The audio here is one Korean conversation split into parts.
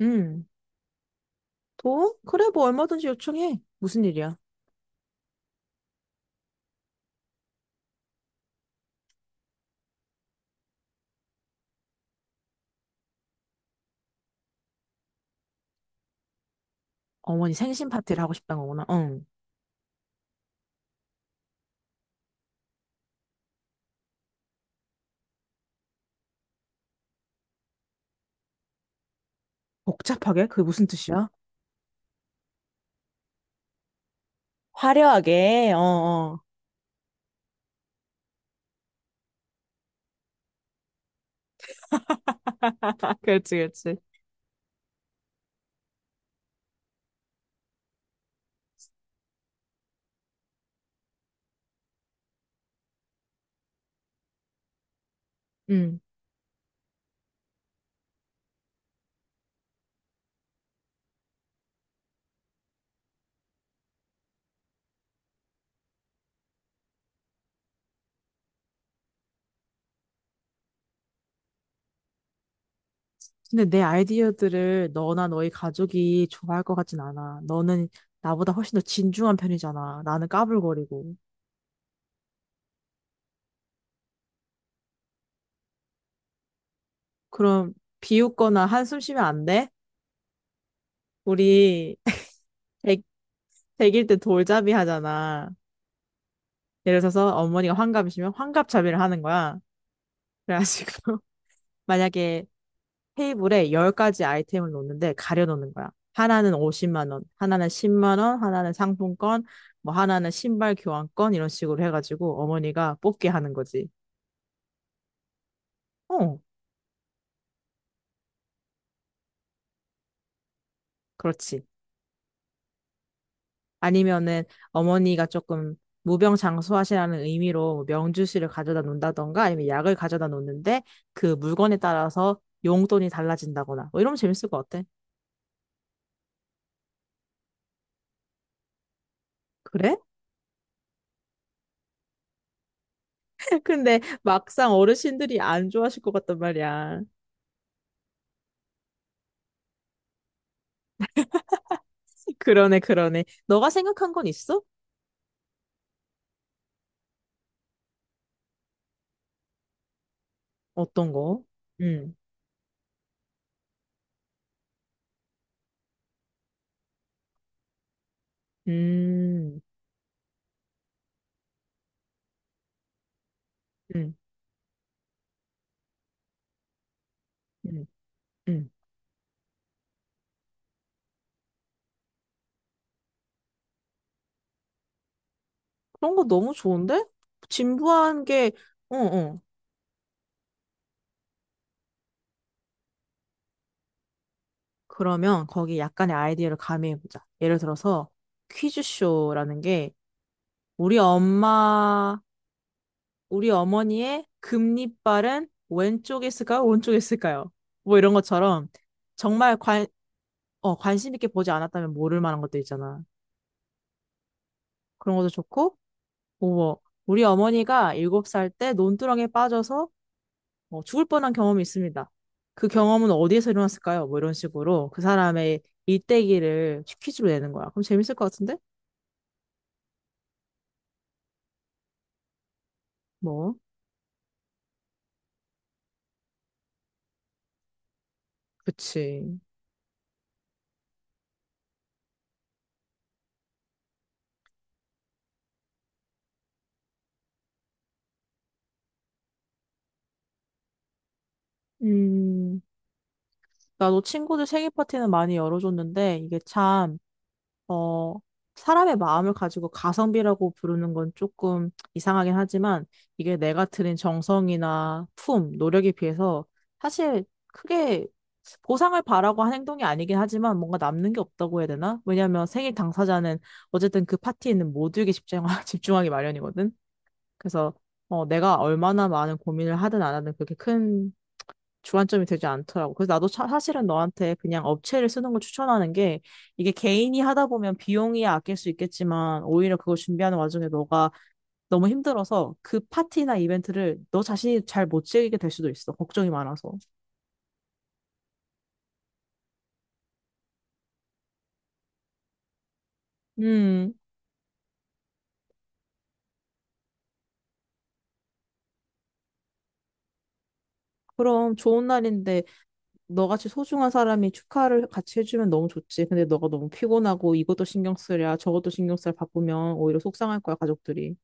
응. 돈? 그래, 뭐 얼마든지 요청해. 무슨 일이야? 어머니 생신 파티를 하고 싶단 거구나. 응. 복잡하게? 그게 무슨 뜻이야? 화려하게, 어, 어. 그렇지, 그렇지. 응. 근데 내 아이디어들을 너나 너희 가족이 좋아할 것 같진 않아. 너는 나보다 훨씬 더 진중한 편이잖아. 나는 까불거리고. 그럼 비웃거나 한숨 쉬면 안 돼? 우리 백, 백일 때 돌잡이 하잖아. 예를 들어서 어머니가 환갑이시면 환갑잡이를 하는 거야. 그래가지고 만약에 테이블에 10가지 아이템을 놓는데 가려놓는 거야. 하나는 50만 원, 하나는 10만 원, 하나는 상품권, 뭐 하나는 신발 교환권 이런 식으로 해가지고 어머니가 뽑게 하는 거지. 어, 그렇지. 아니면은 어머니가 조금 무병장수하시라는 의미로 명주실을 가져다 놓는다던가 아니면 약을 가져다 놓는데 그 물건에 따라서 용돈이 달라진다거나 뭐 이러면 재밌을 것 같아. 그래? 근데 막상 어르신들이 안 좋아하실 것 같단 말이야. 그러네, 그러네. 너가 생각한 건 있어? 어떤 거? 음, 음, 음, 음, 음. 그런 거 너무 좋은데? 진부한 게, 어, 어. 그러면 거기 약간의 아이디어를 가미해보자. 예를 들어서 퀴즈쇼라는 게 우리 엄마, 우리 어머니의 금리빨은 왼쪽에 있을까요? 오른쪽에 있을까요? 뭐 이런 것처럼 정말 관심 있게 보지 않았다면 모를 만한 것도 있잖아. 그런 것도 좋고, 어머, 우리 어머니가 7살 때 논두렁에 빠져서 어, 죽을 뻔한 경험이 있습니다. 그 경험은 어디에서 일어났을까요? 뭐 이런 식으로 그 사람의 일대기를 퀴즈로 내는 거야. 그럼 재밌을 것 같은데? 뭐, 그치. 음, 나도 친구들 생일 파티는 많이 열어줬는데 이게 참 어, 사람의 마음을 가지고 가성비라고 부르는 건 조금 이상하긴 하지만 이게 내가 들인 정성이나 품, 노력에 비해서 사실 크게 보상을 바라고 한 행동이 아니긴 하지만 뭔가 남는 게 없다고 해야 되나? 왜냐하면 생일 당사자는 어쨌든 그 파티에 있는 모두에게 집중하, 집중하기 마련이거든. 그래서 내가 얼마나 많은 고민을 하든 안 하든 그렇게 큰 주안점이 되지 않더라고. 그래서 나도 사실은 너한테 그냥 업체를 쓰는 걸 추천하는 게 이게 개인이 하다 보면 비용이 아낄 수 있겠지만 오히려 그걸 준비하는 와중에 너가 너무 힘들어서 그 파티나 이벤트를 너 자신이 잘 못 즐기게 될 수도 있어. 걱정이 많아서. 음, 그럼 좋은 날인데 너같이 소중한 사람이 축하를 같이 해주면 너무 좋지. 근데 너가 너무 피곤하고 이것도 신경 쓰랴 저것도 신경 쓰랴 바쁘면 오히려 속상할 거야, 가족들이.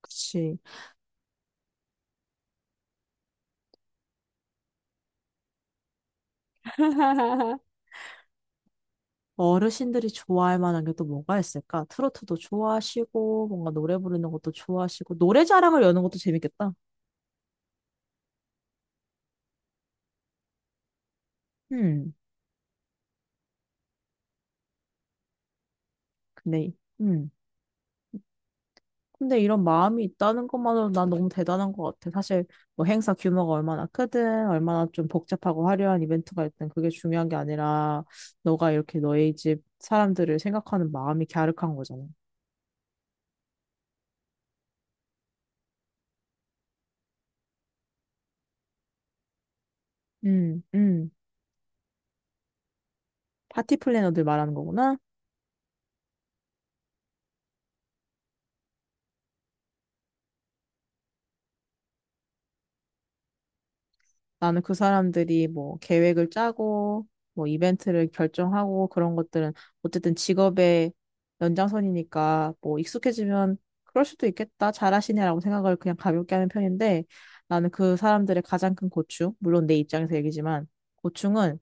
그치. 어르신들이 좋아할 만한 게 또 뭐가 있을까? 트로트도 좋아하시고, 뭔가 노래 부르는 것도 좋아하시고, 노래 자랑을 여는 것도 재밌겠다. 음, 근데, 음. 근데 이런 마음이 있다는 것만으로 난 너무 대단한 것 같아. 사실, 뭐 행사 규모가 얼마나 크든, 얼마나 좀 복잡하고 화려한 이벤트가 있든, 그게 중요한 게 아니라, 너가 이렇게 너의 집 사람들을 생각하는 마음이 갸륵한 거잖아. 음, 음. 파티 플래너들 말하는 거구나. 나는 그 사람들이 뭐 계획을 짜고 뭐 이벤트를 결정하고 그런 것들은 어쨌든 직업의 연장선이니까 뭐 익숙해지면 그럴 수도 있겠다. 잘하시네라고 생각을 그냥 가볍게 하는 편인데 나는 그 사람들의 가장 큰 고충, 물론 내 입장에서 얘기지만 고충은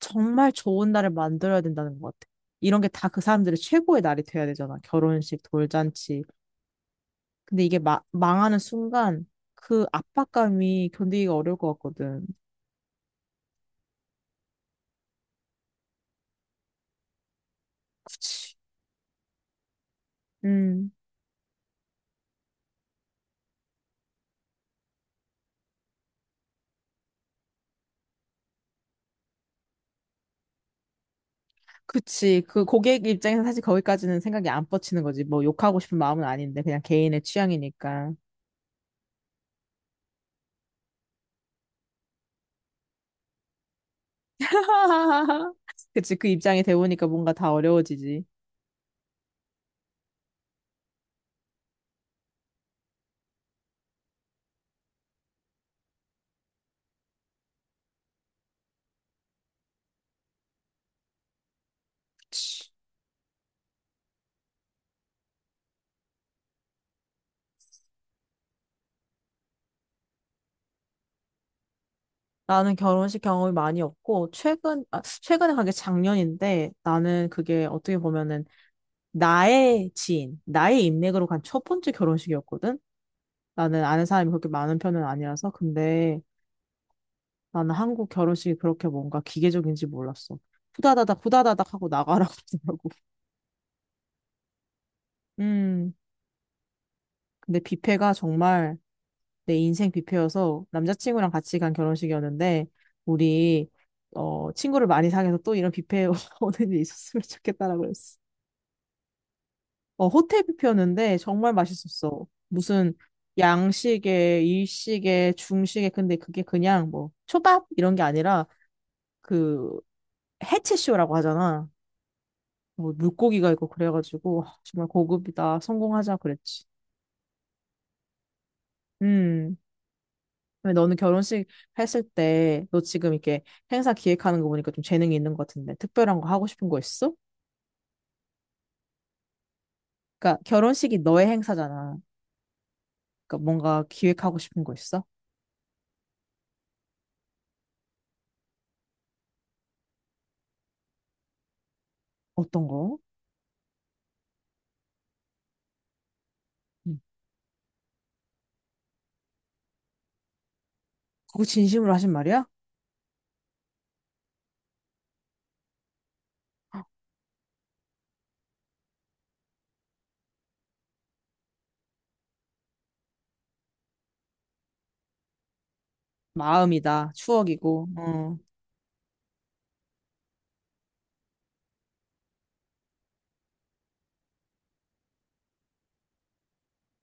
정말 좋은 날을 만들어야 된다는 것 같아. 이런 게 다 그 사람들의 최고의 날이 돼야 되잖아. 결혼식, 돌잔치. 근데 이게 망하는 순간 그 압박감이 견디기가 어려울 것 같거든. 그치. 음, 그치. 그 고객 입장에서 사실 거기까지는 생각이 안 뻗치는 거지. 뭐 욕하고 싶은 마음은 아닌데, 그냥 개인의 취향이니까. 그치. 그 입장이 되보니까 뭔가 다 어려워지지. 그치. 나는 결혼식 경험이 많이 없고, 최근, 아, 최근에 간 게 작년인데, 나는 그게 어떻게 보면은, 나의 지인, 나의 인맥으로 간 첫 번째 결혼식이었거든? 나는 아는 사람이 그렇게 많은 편은 아니라서. 근데, 나는 한국 결혼식이 그렇게 뭔가 기계적인지 몰랐어. 후다다닥 후다다닥 하고 나가라고 그러더라고. 음. 근데 뷔페가 정말 내 인생 뷔페여서 남자친구랑 같이 간 결혼식이었는데 우리 친구를 많이 사귀어서 또 이런 뷔페 오는 일이 있었으면 좋겠다라고 그랬어. 호텔 뷔페였는데 정말 맛있었어. 무슨 양식에 일식에 중식에 근데 그게 그냥 뭐 초밥 이런 게 아니라 그 해체쇼라고 하잖아. 뭐 물고기가 있고 그래가지고 아, 정말 고급이다. 성공하자 그랬지. 음. 근데 너는 결혼식 했을 때 너 지금 이렇게 행사 기획하는 거 보니까 좀 재능이 있는 것 같은데 특별한 거 하고 싶은 거 있어? 그러니까 결혼식이 너의 행사잖아. 그러니까 뭔가 기획하고 싶은 거 있어? 어떤 거? 음. 그거 진심으로 하신 말이야? 마음이다. 추억이고. 어.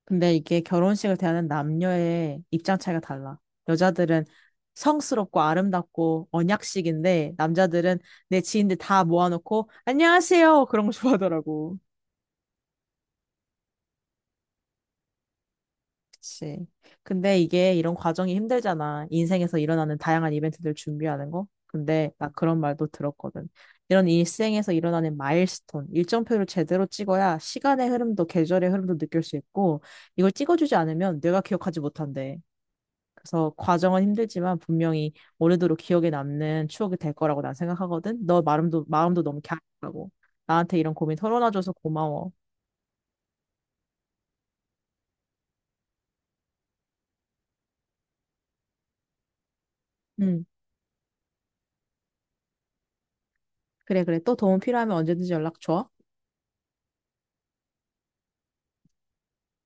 근데 이게 결혼식을 대하는 남녀의 입장 차이가 달라. 여자들은 성스럽고 아름답고 언약식인데 남자들은 내 지인들 다 모아놓고 안녕하세요 그런 거 좋아하더라고. 그치. 근데 이게 이런 과정이 힘들잖아. 인생에서 일어나는 다양한 이벤트들 준비하는 거. 근데 나 그런 말도 들었거든. 이런 일생에서 일어나는 마일스톤, 일정표를 제대로 찍어야 시간의 흐름도 계절의 흐름도 느낄 수 있고 이걸 찍어주지 않으면 내가 기억하지 못한대. 그래서 과정은 힘들지만 분명히 오래도록 기억에 남는 추억이 될 거라고 난 생각하거든. 너 마음도 너무 갸름하고 나한테 이런 고민 털어놔줘서 고마워. 응. 그래 그래. 또 도움 필요하면 언제든지 연락 줘.